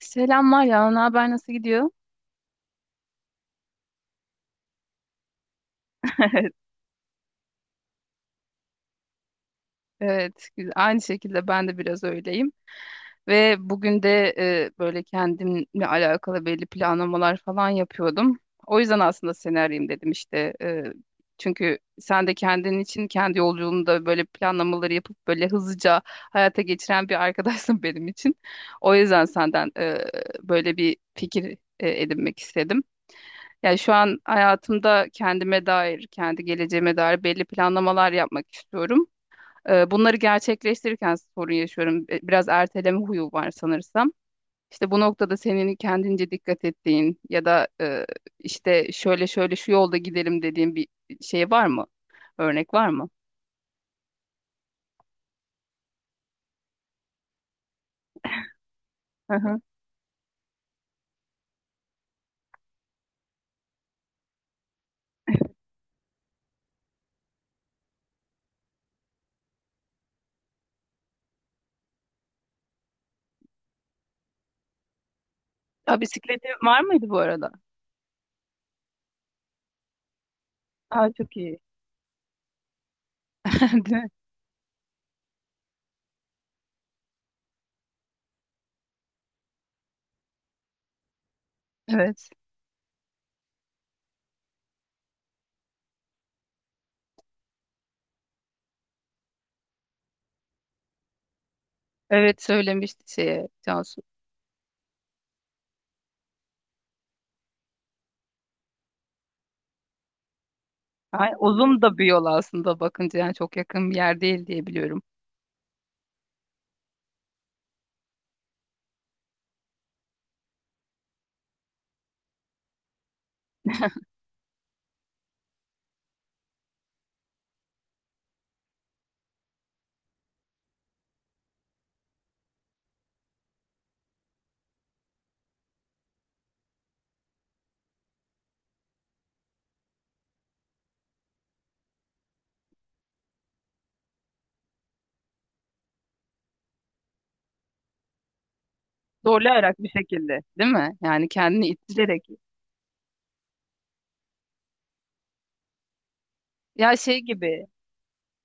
Selamlar ya, ne haber nasıl gidiyor? Evet, güzel. Aynı şekilde ben de biraz öyleyim. Ve bugün de böyle kendimle alakalı belli planlamalar falan yapıyordum. O yüzden aslında seni arayayım dedim işte. Çünkü sen de kendin için kendi yolculuğunda böyle planlamaları yapıp böyle hızlıca hayata geçiren bir arkadaşsın benim için. O yüzden senden böyle bir fikir edinmek istedim. Yani şu an hayatımda kendime dair, kendi geleceğime dair belli planlamalar yapmak istiyorum. Bunları gerçekleştirirken sorun yaşıyorum. Biraz erteleme huyu var sanırsam. İşte bu noktada senin kendince dikkat ettiğin ya da işte şöyle şöyle şu yolda gidelim dediğin bir şey var mı? Örnek var mı? Hı hı. Ya bisikleti var mıydı bu arada? Aa çok iyi. Değil mi? Evet. Evet söylemişti şeye Cansu. Ay, uzun da bir yol aslında bakınca yani çok yakın bir yer değil diye biliyorum. Zorlayarak bir şekilde, değil mi? Yani kendini ittirerek. Ya şey gibi,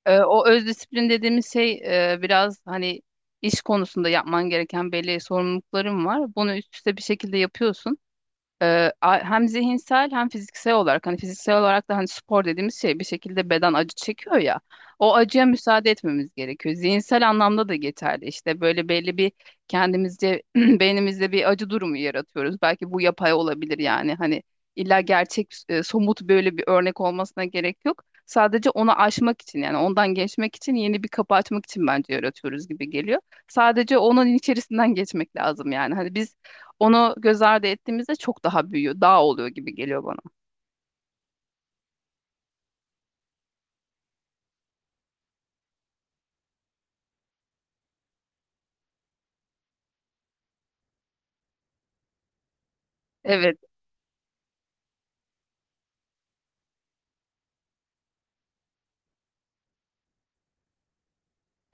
o öz disiplin dediğimiz şey biraz hani iş konusunda yapman gereken belli sorumlulukların var. Bunu üst üste bir şekilde yapıyorsun. Hem zihinsel hem fiziksel olarak hani fiziksel olarak da hani spor dediğimiz şey bir şekilde beden acı çekiyor ya, o acıya müsaade etmemiz gerekiyor. Zihinsel anlamda da geçerli işte böyle belli bir kendimizce beynimizde bir acı durumu yaratıyoruz. Belki bu yapay olabilir yani hani illa gerçek somut böyle bir örnek olmasına gerek yok. Sadece onu aşmak için yani ondan geçmek için yeni bir kapı açmak için bence yaratıyoruz gibi geliyor. Sadece onun içerisinden geçmek lazım yani. Hani biz onu göz ardı ettiğimizde çok daha büyüyor, daha oluyor gibi geliyor bana. Evet,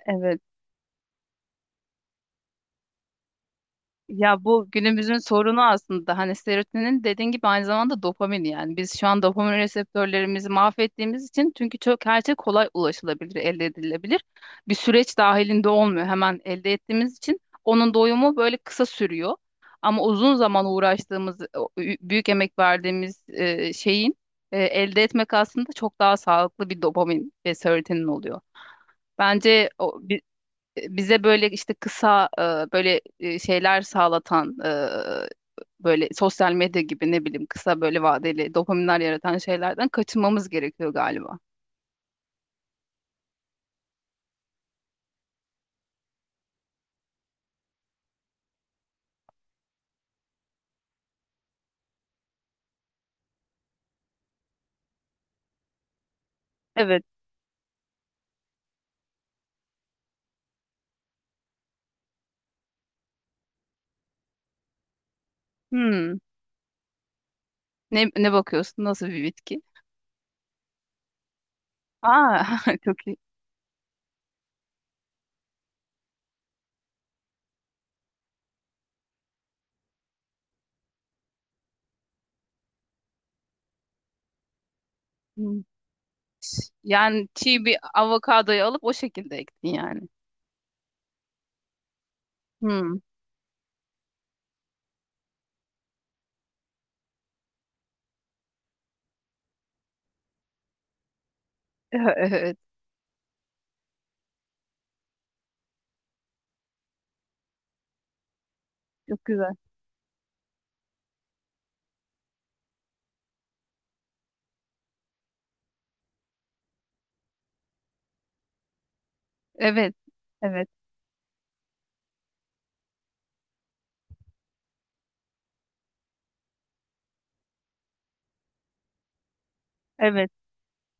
evet. Ya bu günümüzün sorunu aslında hani serotonin dediğin gibi aynı zamanda dopamin yani. Biz şu an dopamin reseptörlerimizi mahvettiğimiz için çünkü çok her şey kolay ulaşılabilir, elde edilebilir. Bir süreç dahilinde olmuyor hemen elde ettiğimiz için onun doyumu böyle kısa sürüyor. Ama uzun zaman uğraştığımız, o büyük emek verdiğimiz şeyin elde etmek aslında çok daha sağlıklı bir dopamin ve serotonin oluyor. Bence o, bize böyle işte kısa böyle şeyler sağlatan böyle sosyal medya gibi ne bileyim kısa böyle vadeli dopaminler yaratan şeylerden kaçınmamız gerekiyor galiba. Evet. Hmm. Ne, ne bakıyorsun? Nasıl bir bitki? Aa, çok iyi. Hmm. Yani çiğ bir avokadoyu alıp o şekilde ektin yani. Hmm. Çok güzel. Evet, evet, evet.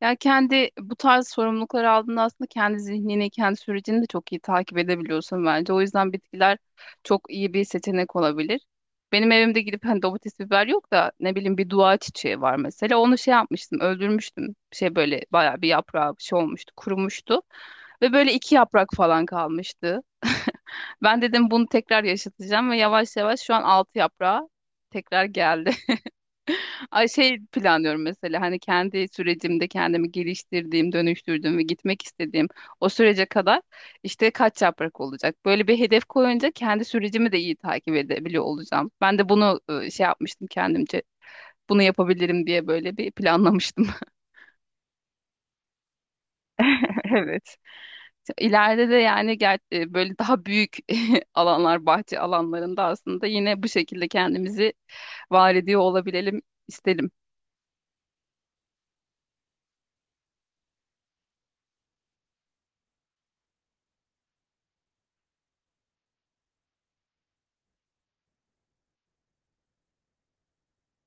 Ya kendi bu tarz sorumlulukları aldığında aslında kendi zihnini, kendi sürecini de çok iyi takip edebiliyorsun bence. O yüzden bitkiler çok iyi bir seçenek olabilir. Benim evimde gidip hani domates biber yok da ne bileyim bir dua çiçeği var mesela. Onu şey yapmıştım, öldürmüştüm. Şey böyle bayağı bir yaprağı bir şey olmuştu, kurumuştu. Ve böyle iki yaprak falan kalmıştı. Ben dedim bunu tekrar yaşatacağım ve yavaş yavaş şu an altı yaprağı tekrar geldi. Ay şey planlıyorum mesela hani kendi sürecimde kendimi geliştirdiğim, dönüştürdüğüm ve gitmek istediğim o sürece kadar işte kaç yaprak olacak. Böyle bir hedef koyunca kendi sürecimi de iyi takip edebiliyor olacağım. Ben de bunu şey yapmıştım kendimce. Bunu yapabilirim diye böyle bir planlamıştım. Evet. İleride de yani böyle daha büyük alanlar, bahçe alanlarında aslında yine bu şekilde kendimizi var ediyor olabilelim isterim.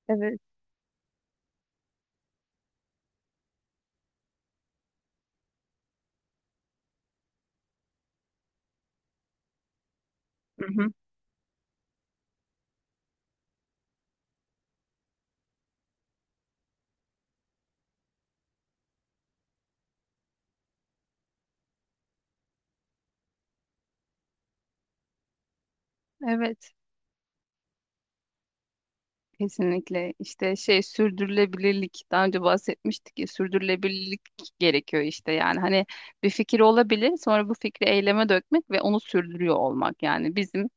Evet. Hı hı. Evet. Kesinlikle işte şey sürdürülebilirlik daha önce bahsetmiştik ya, sürdürülebilirlik gerekiyor işte yani hani bir fikir olabilir sonra bu fikri eyleme dökmek ve onu sürdürüyor olmak yani bizim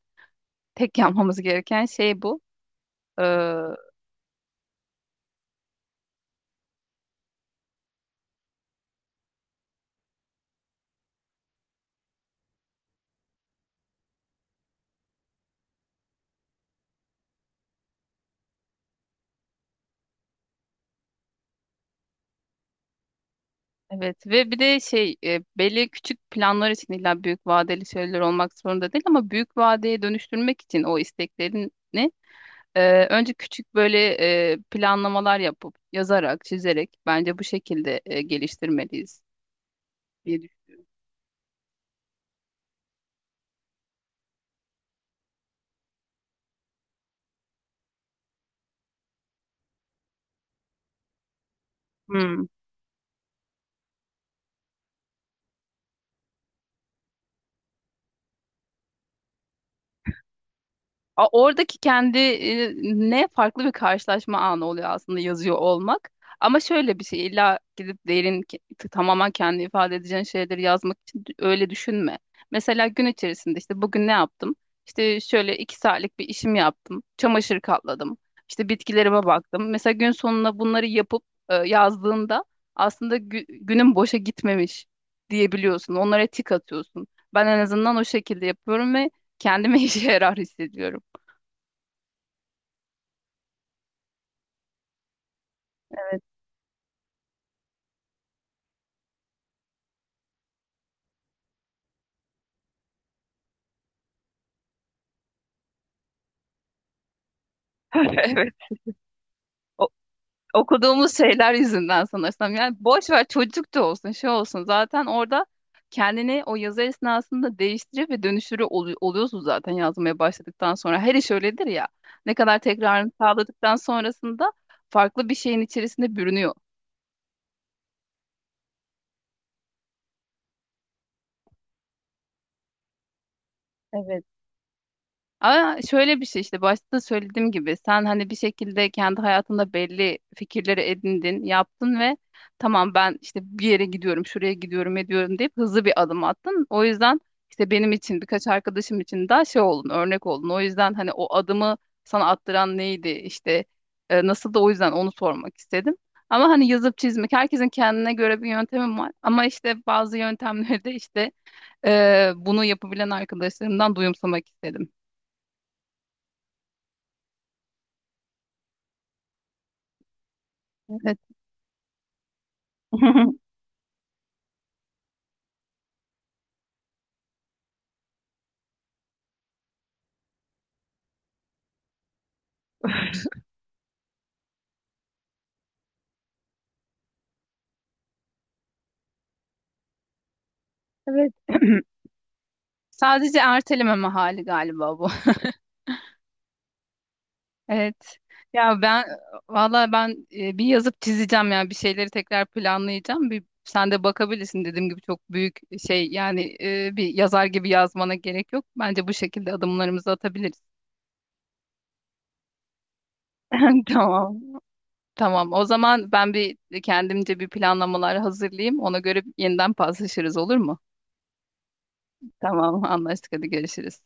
tek yapmamız gereken şey bu. Ee, Evet ve bir de şey belli küçük planlar için illa büyük vadeli şeyler olmak zorunda değil ama büyük vadeye dönüştürmek için o isteklerini önce küçük böyle planlamalar yapıp yazarak, çizerek bence bu şekilde geliştirmeliyiz diye düşünüyorum. Oradaki kendi ne farklı bir karşılaşma anı oluyor aslında yazıyor olmak. Ama şöyle bir şey illa gidip tamamen kendi ifade edeceğin şeyleri yazmak için öyle düşünme. Mesela gün içerisinde işte bugün ne yaptım? İşte şöyle iki saatlik bir işim yaptım. Çamaşır katladım. İşte bitkilerime baktım. Mesela gün sonuna bunları yapıp yazdığında aslında günün boşa gitmemiş diyebiliyorsun. Onlara tik atıyorsun. Ben en azından o şekilde yapıyorum ve kendime işe yarar hissediyorum. Evet. O- okuduğumuz şeyler yüzünden sanırsam. Yani boş ver çocuk da olsun, şey olsun. Zaten orada kendini o yazı esnasında değiştirip ve oluyorsun zaten yazmaya başladıktan sonra. Her iş öyledir ya. Ne kadar tekrarını sağladıktan sonrasında farklı bir şeyin içerisinde bürünüyor. Evet. Ama şöyle bir şey işte başta söylediğim gibi sen hani bir şekilde kendi hayatında belli fikirleri edindin, yaptın ve tamam ben işte bir yere gidiyorum, şuraya gidiyorum, ediyorum deyip hızlı bir adım attın. O yüzden işte benim için birkaç arkadaşım için daha şey oldun, örnek oldun. O yüzden hani o adımı sana attıran neydi işte nasıl da o yüzden onu sormak istedim. Ama hani yazıp çizmek herkesin kendine göre bir yöntemi var. Ama işte bazı yöntemleri de işte bunu yapabilen arkadaşlarımdan duyumsamak istedim. Evet. Evet. Sadece ertelememe hali galiba bu. Evet. Ya ben valla ben bir yazıp çizeceğim yani bir şeyleri tekrar planlayacağım. Bir sen de bakabilirsin dediğim gibi çok büyük şey yani bir yazar gibi yazmana gerek yok. Bence bu şekilde adımlarımızı atabiliriz. Tamam. Tamam. O zaman ben bir kendimce bir planlamalar hazırlayayım. Ona göre yeniden paslaşırız olur mu? Tamam, anlaştık. Hadi görüşürüz.